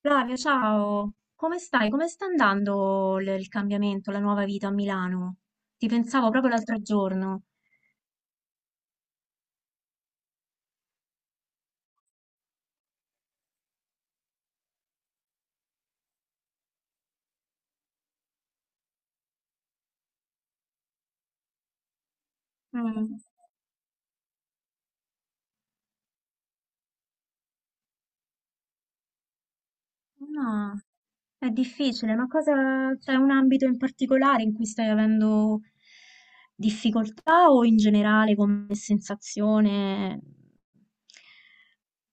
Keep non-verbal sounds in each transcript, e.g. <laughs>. Flavio, ciao, come stai? Come sta andando il cambiamento, la nuova vita a Milano? Ti pensavo proprio l'altro giorno. Mm. No, è difficile, ma cosa, c'è un ambito in particolare in cui stai avendo difficoltà o in generale come sensazione,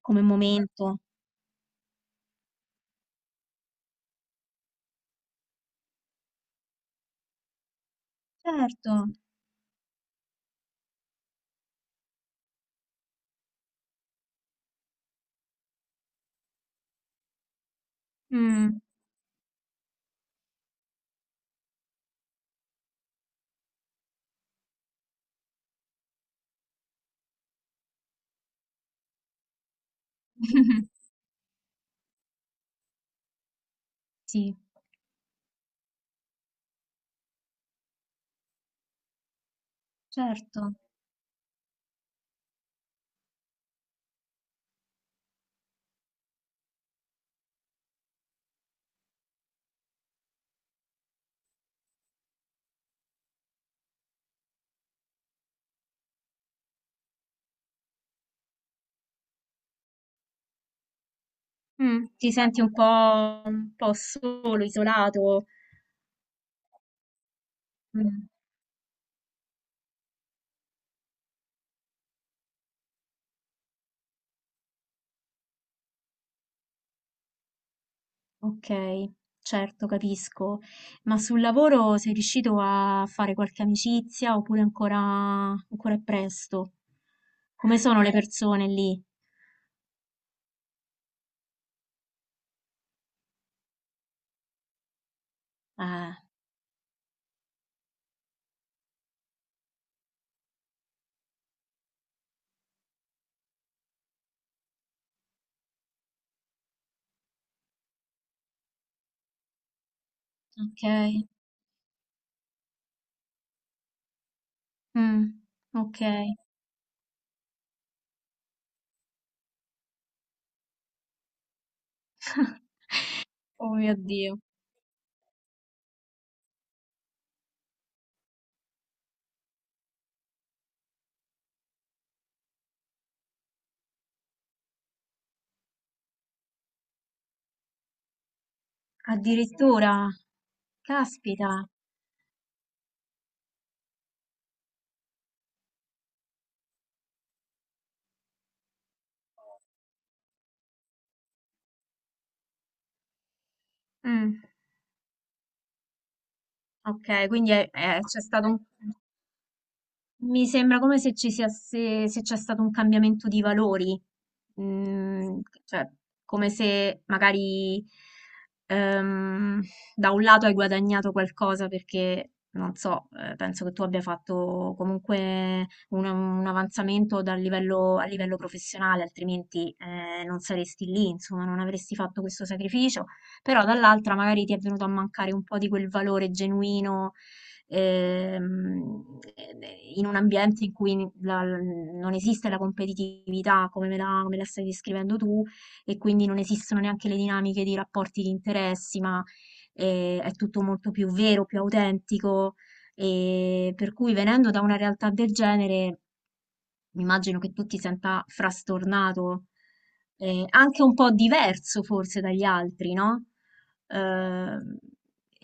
come momento? Certo. Mm. <laughs> Sì, certo. Mm. Ti senti un po' solo, isolato. Mh, okay, certo, capisco. Ma sul lavoro sei riuscito a fare qualche amicizia oppure ancora è presto? Come sono le persone lì? Eh, okay. Mh, okay. <laughs> Oh mio Dio. Addirittura? Caspita. Mh, okay, quindi è c'è stato un. Mi sembra come se ci sia, se c'è stato un cambiamento di valori, Mm, cioè come se magari ehm, da un lato hai guadagnato qualcosa perché, non so, penso che tu abbia fatto comunque un avanzamento dal livello, a livello professionale, altrimenti non saresti lì, insomma, non avresti fatto questo sacrificio, però dall'altra magari ti è venuto a mancare un po' di quel valore genuino ehm, eh, in un ambiente in cui non esiste la competitività come la stai descrivendo tu e quindi non esistono neanche le dinamiche di rapporti di interessi, ma è tutto molto più vero, più autentico. E per cui venendo da una realtà del genere, immagino che tu ti senta frastornato, anche un po' diverso forse dagli altri, no? Ehm,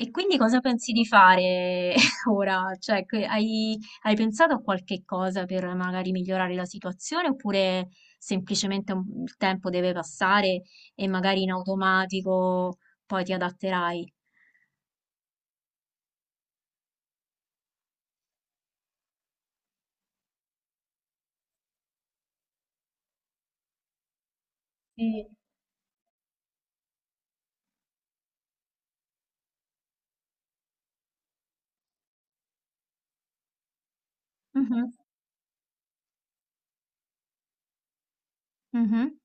e quindi cosa pensi di fare <laughs> ora? Cioè, hai pensato a qualche cosa per magari migliorare la situazione oppure semplicemente il tempo deve passare e magari in automatico poi ti adatterai? Sì. Mhm, mhm,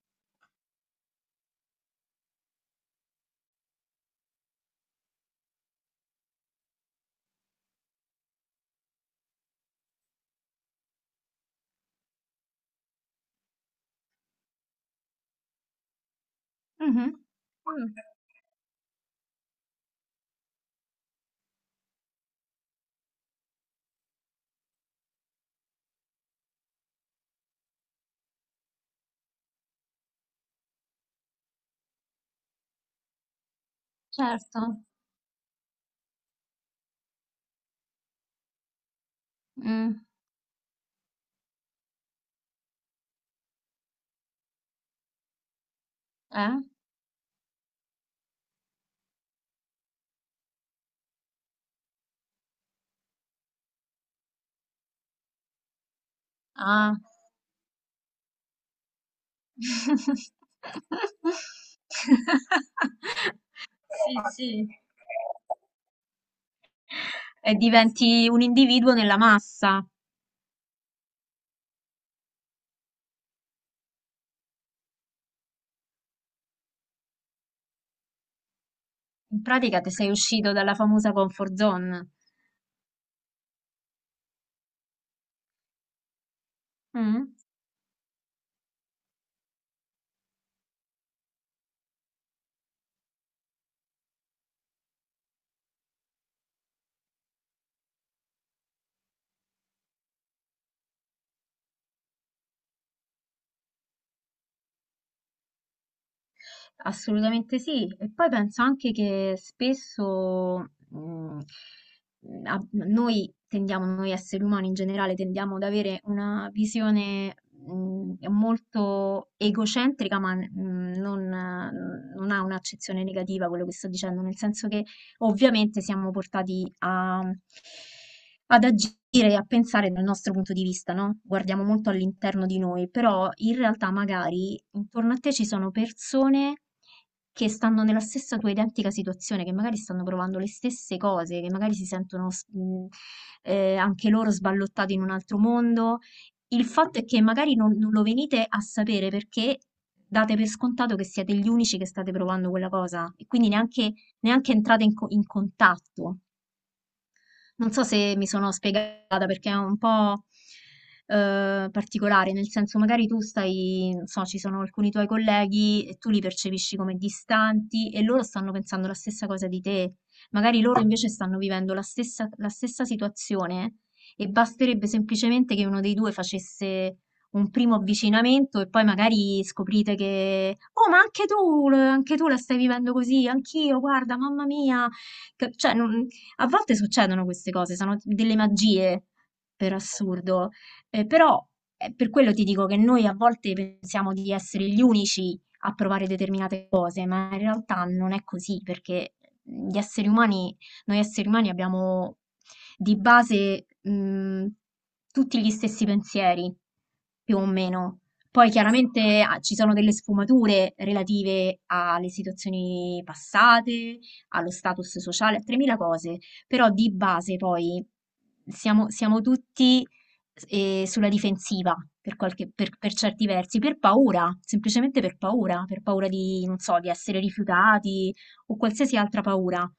mhm. Mm, certo. Mm, eh? Ah. <laughs> Sì, sì. E diventi un individuo nella massa. In pratica ti sei uscito dalla famosa comfort zone. Mm, assolutamente sì. E poi penso anche che spesso mm, noi tendiamo, noi esseri umani in generale, tendiamo ad avere una visione molto egocentrica, ma non ha un'accezione negativa quello che sto dicendo, nel senso che ovviamente siamo portati ad agire e a pensare dal nostro punto di vista, no? Guardiamo molto all'interno di noi, però in realtà magari intorno a te ci sono persone che stanno nella stessa tua identica situazione, che magari stanno provando le stesse cose, che magari si sentono anche loro sballottati in un altro mondo. Il fatto è che magari non lo venite a sapere perché date per scontato che siete gli unici che state provando quella cosa e quindi neanche entrata in contatto. Non so se mi sono spiegata perché è un po' particolare, nel senso magari tu stai, non so, ci sono alcuni tuoi colleghi e tu li percepisci come distanti e loro stanno pensando la stessa cosa di te. Magari loro invece stanno vivendo la stessa situazione e basterebbe semplicemente che uno dei due facesse un primo avvicinamento e poi magari scoprite che, oh, ma anche tu la stai vivendo così, anch'io, guarda, mamma mia. Cioè, non, a volte succedono queste cose, sono delle magie, per assurdo, però, per quello ti dico che noi a volte pensiamo di essere gli unici a provare determinate cose, ma in realtà non è così, perché gli esseri umani noi esseri umani abbiamo di base, tutti gli stessi pensieri, più o meno. Poi chiaramente a ci sono delle sfumature relative alle situazioni passate, allo status sociale, a 3.000 cose, però di base poi siamo tutti, sulla difensiva per certi versi, per paura, semplicemente per paura di, non so, di essere rifiutati o qualsiasi altra paura.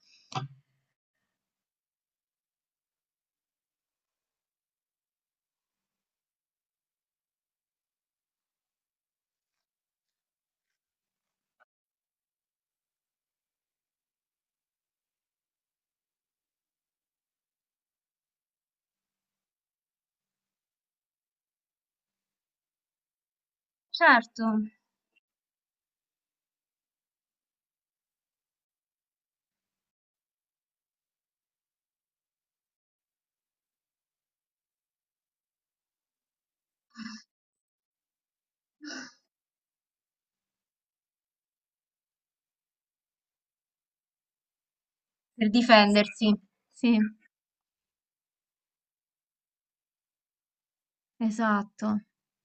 Certo, per difendersi, sì. Esatto,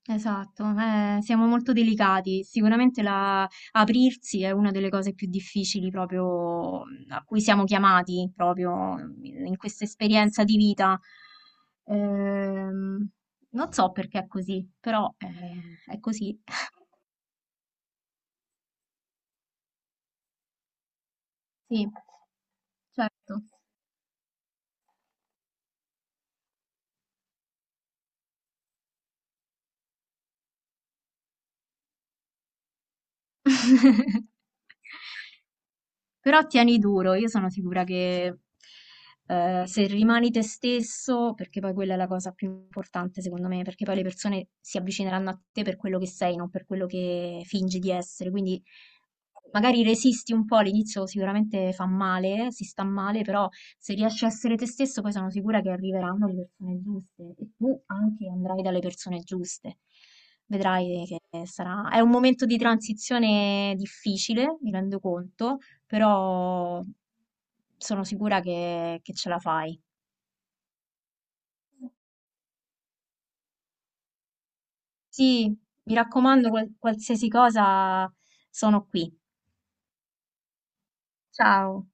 esatto, siamo molto delicati. Sicuramente aprirsi è una delle cose più difficili proprio a cui siamo chiamati proprio in questa esperienza di vita. Ehm, Non so perché è così, però è così. <laughs> Sì, certo. <laughs> Però tieni duro, io sono sicura che se rimani te stesso, perché poi quella è la cosa più importante secondo me, perché poi le persone si avvicineranno a te per quello che sei, non per quello che fingi di essere. Quindi magari resisti un po', all'inizio sicuramente fa male, si sta male, però se riesci a essere te stesso, poi sono sicura che arriveranno le persone giuste e tu anche andrai dalle persone giuste. Vedrai che sarà. È un momento di transizione difficile, mi rendo conto, però sono sicura che ce la fai. Sì, mi raccomando, qualsiasi cosa sono qui. Ciao.